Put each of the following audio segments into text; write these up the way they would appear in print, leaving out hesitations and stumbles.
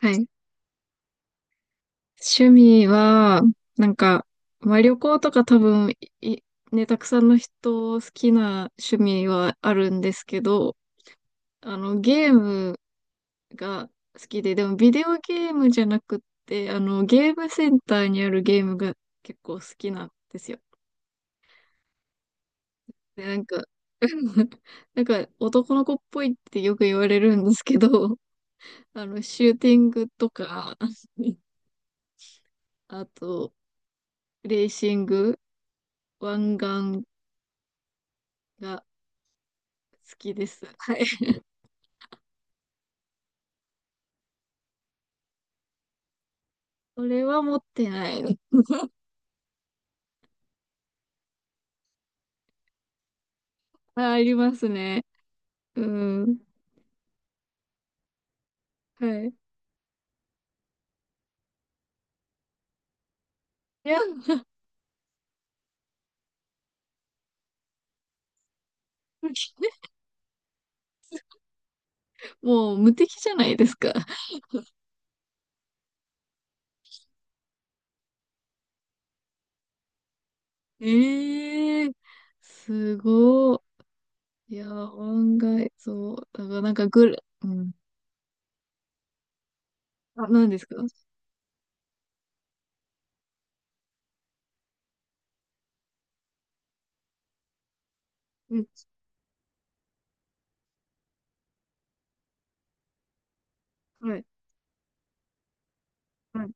はい。趣味は、なんか、まあ、旅行とか多分、い、ね、たくさんの人好きな趣味はあるんですけど、あの、ゲームが好きで、でもビデオゲームじゃなくって、あの、ゲームセンターにあるゲームが結構好きなんですよ。で、なんか、なんか男の子っぽいってよく言われるんですけど、あの、シューティングとか、あと、レーシング、湾岸が好きです。はい。それは持ってないの。あ、ありますね。うん。はい。いや、もう無敵じゃないですか。ええー、すごい。いや、案外、そう。だからなんかうん。あ、何ですか？うん。はい。はい。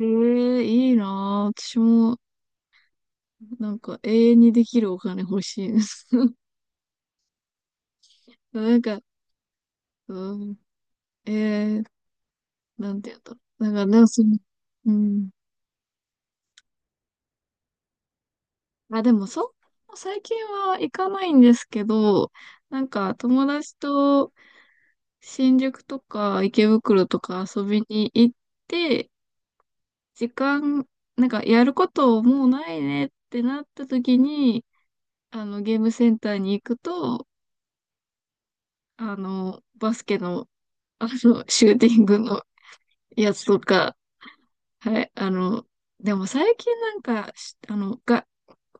ええ、いいなぁ。私も、なんか永遠にできるお金欲しいです。なんか、うん。ええ、なんて言うんだろう。なんかその、うん。あ、でも最近は行かないんですけど、なんか友達と新宿とか池袋とか遊びに行って、時間、なんかやることもうないねってなった時に、あのゲームセンターに行くと、あの、バスケの、あの、シューティングのやつとか、はい、あの、でも最近なんか、しあの、が、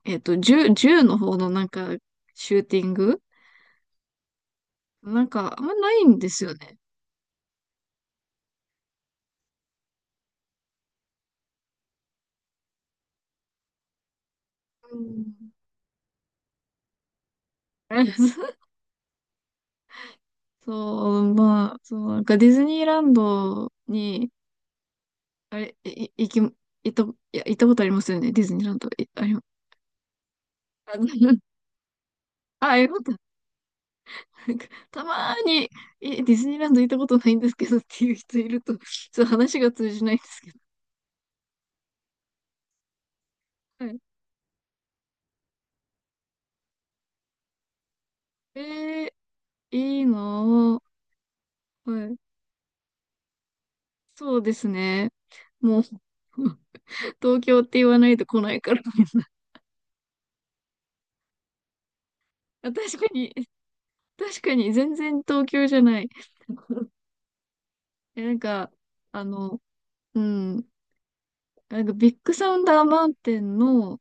えっと、銃の方のなんか、シューティングなんか、あんまないんですよね。うん。そう、まあ、そう、なんかディズニーランドに、あれ、った、いや、行ったことありますよね、ディズニーランド。い、あり、あ、あ、よかった。なんか、たまーに、ディズニーランド行ったことないんですけどっていう人いると、ちょっと話が通じないんですけど。はい。えいいの？はい。そうですね。もう、東京って言わないと来ないから。あ、確かに、確かに全然東京じゃない。なんか、あの、うん、なんかビッグサウンダーマウンテンの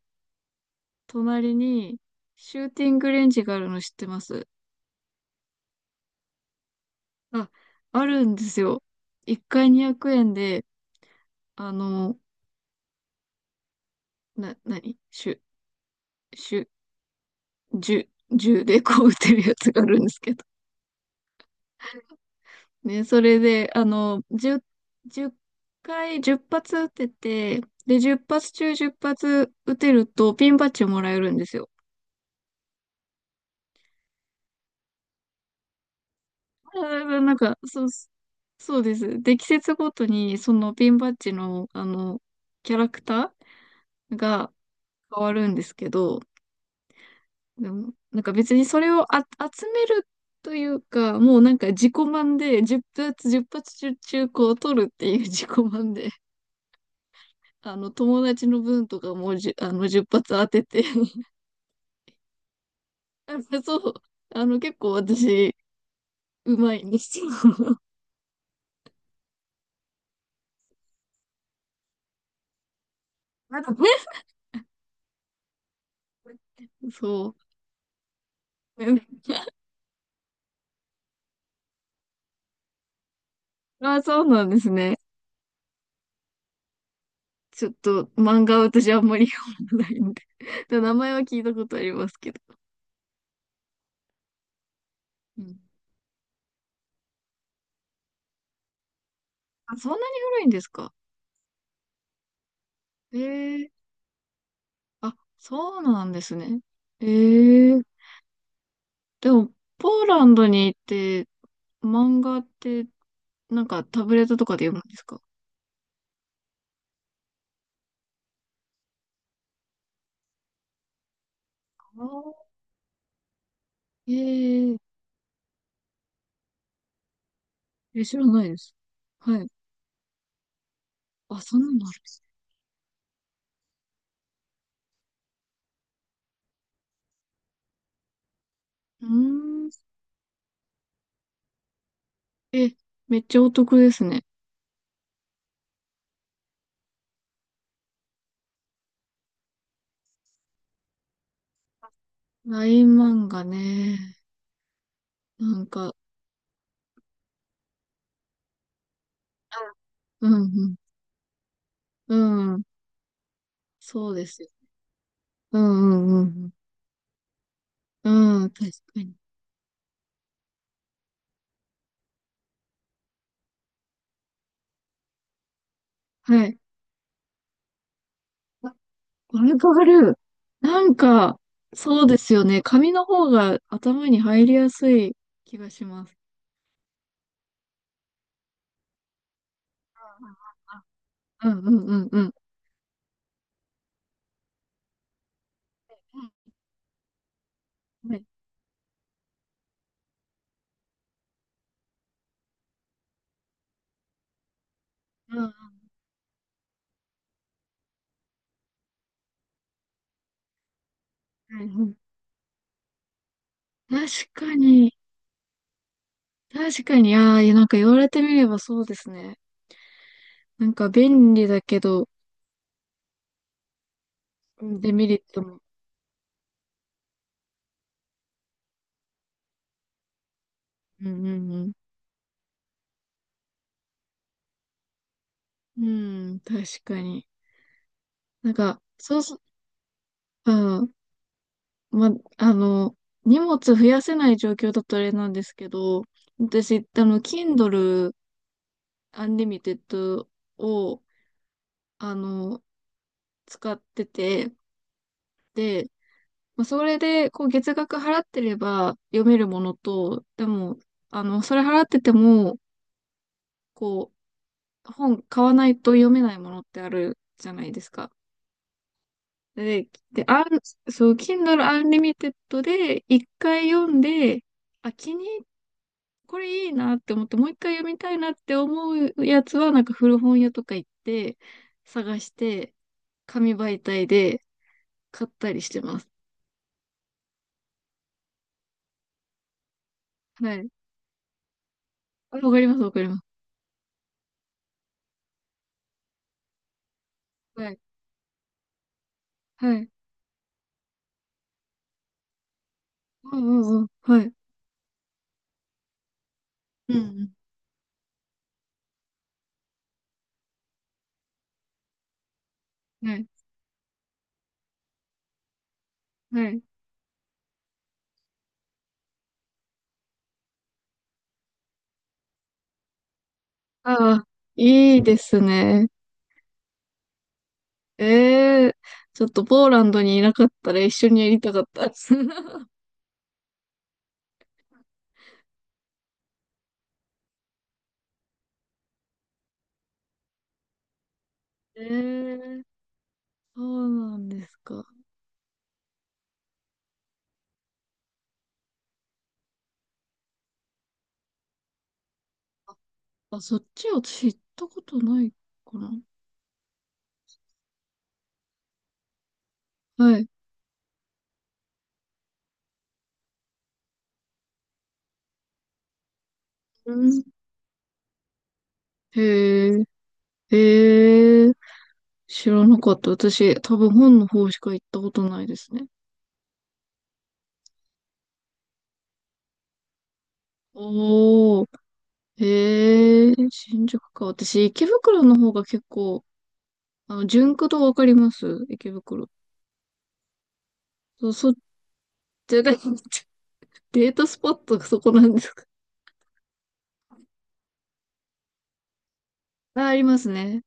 隣にシューティングレンジがあるの知ってます？あ、あるんですよ。1回200円で、あの、な、なにシュ、シュ、銃、銃でこう撃てるやつがあるんですけど。ね、それで、あの、10、回、10発撃てて、で、10発中10発撃てるとピンバッジをもらえるんですよ。あ、なんか、そう、そうです。で、季節ごとに、そのピンバッジの、あの、キャラクターが変わるんですけど、でも、なんか別にそれを集めるというか、もうなんか自己満で、10発、1発中、中古を取るっていう 自己満で、あの、友達の分とかもあの、10発当てて、あの、そう、あの、結構私、うまいんですよ。まだね、そう。あ、そうなんですね。ちょっと漫画は私あんまり読まないんで 名前は聞いたことありますけど。うん。あ、そんなに古いんですか？ええ、あ、そうなんですね。ええ、でも、ポーランドに行って、漫画って、なんかタブレットとかで読むんですか？あえええ、知らないです。はい。あ、そんなのあるんです。うーん。え、めっちゃお得ですね。ライン漫画ね。なんか、うん、うん、うん。そうですよ。うんうんうん。うん、確かに。はい。あ、わかる。なんか、そうですよね。紙の方が頭に入りやすい気がします。うんうんうんうん。うん、はい。うん、はい、うん、確かに。確かに。ああ、いや、なんか言われてみればそうですね。なんか便利だけど、デメリットも。うんうんうん。うん、確かに。なんか、そうそう、うん、ま、あの、荷物増やせない状況だとあれなんですけど、私、あの、Kindle Unlimited を、あの、使ってて、で、まあ、それで、こう、月額払ってれば読めるものと、でも、あの、それ払ってても、こう、本買わないと読めないものってあるじゃないですか。で、で、そう、Kindle Unlimited で、一回読んで、あ、これいいなって思って、もう一回読みたいなって思うやつは、なんか古本屋とか行って、探して、紙媒体で買ったりしてます。はい。あ、わかります、わかります。はい。はい。うんうんうん。はい。うんうん。はい。はい。ああ、いいですね。ええ、ちょっとポーランドにいなかったら一緒にやりたかったです。ええ、そうなんですか？あ、そっちを知ったことないかな。はい。うん。へえ。ええ、知らなかった。私、多分本の方しか行ったことないですね。おー、ええ、新宿か。私、池袋の方が結構、あの、ジュンク堂わかります？池袋。そう、そっちが、デートスポットがそこなんですか？あ、ありますね。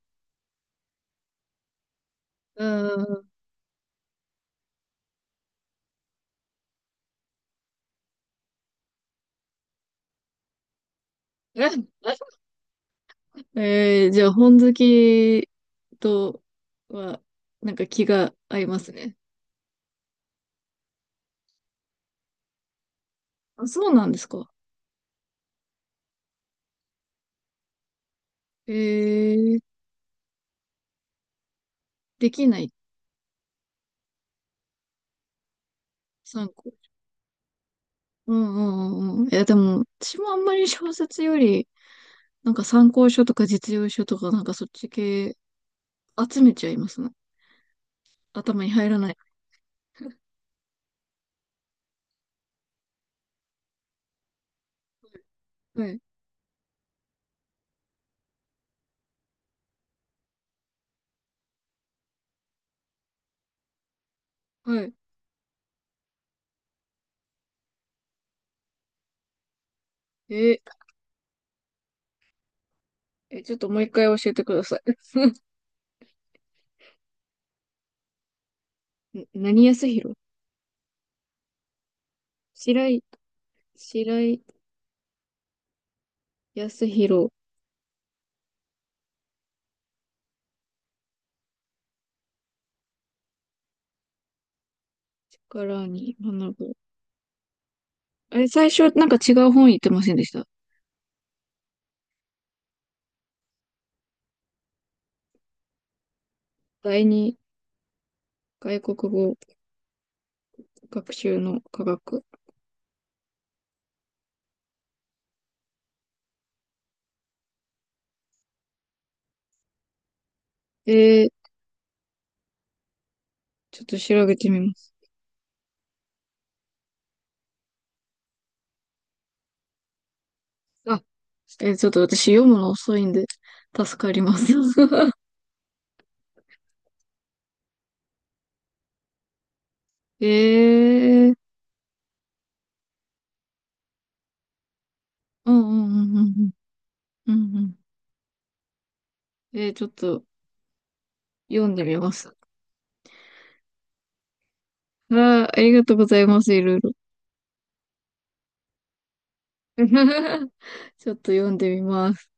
うん。ええ、じゃあ、本好きとは、なんか気が合いますね。あ、そうなんですか。ええ、できない。参考。うんうんうんうん。いや、でも、私もあんまり小説より、なんか参考書とか実用書とか、なんかそっち系集めちゃいますね。頭に入らない。はい。はい。えーえ、ちょっともう一回教えてください。な何安弘白井、白井康弘からに学ぶ。あれ、最初なんか違う本言ってませんでした？第二外国語学習の科学。えー、ちょっと調べてみます。あ、ちょっと私読むの遅いんで、助かります。ええ、うん うんうんうんうん。うんうん。ちょっと読んでみます。あー、ありがとうございます、いろいろ。ちょっと読んでみます。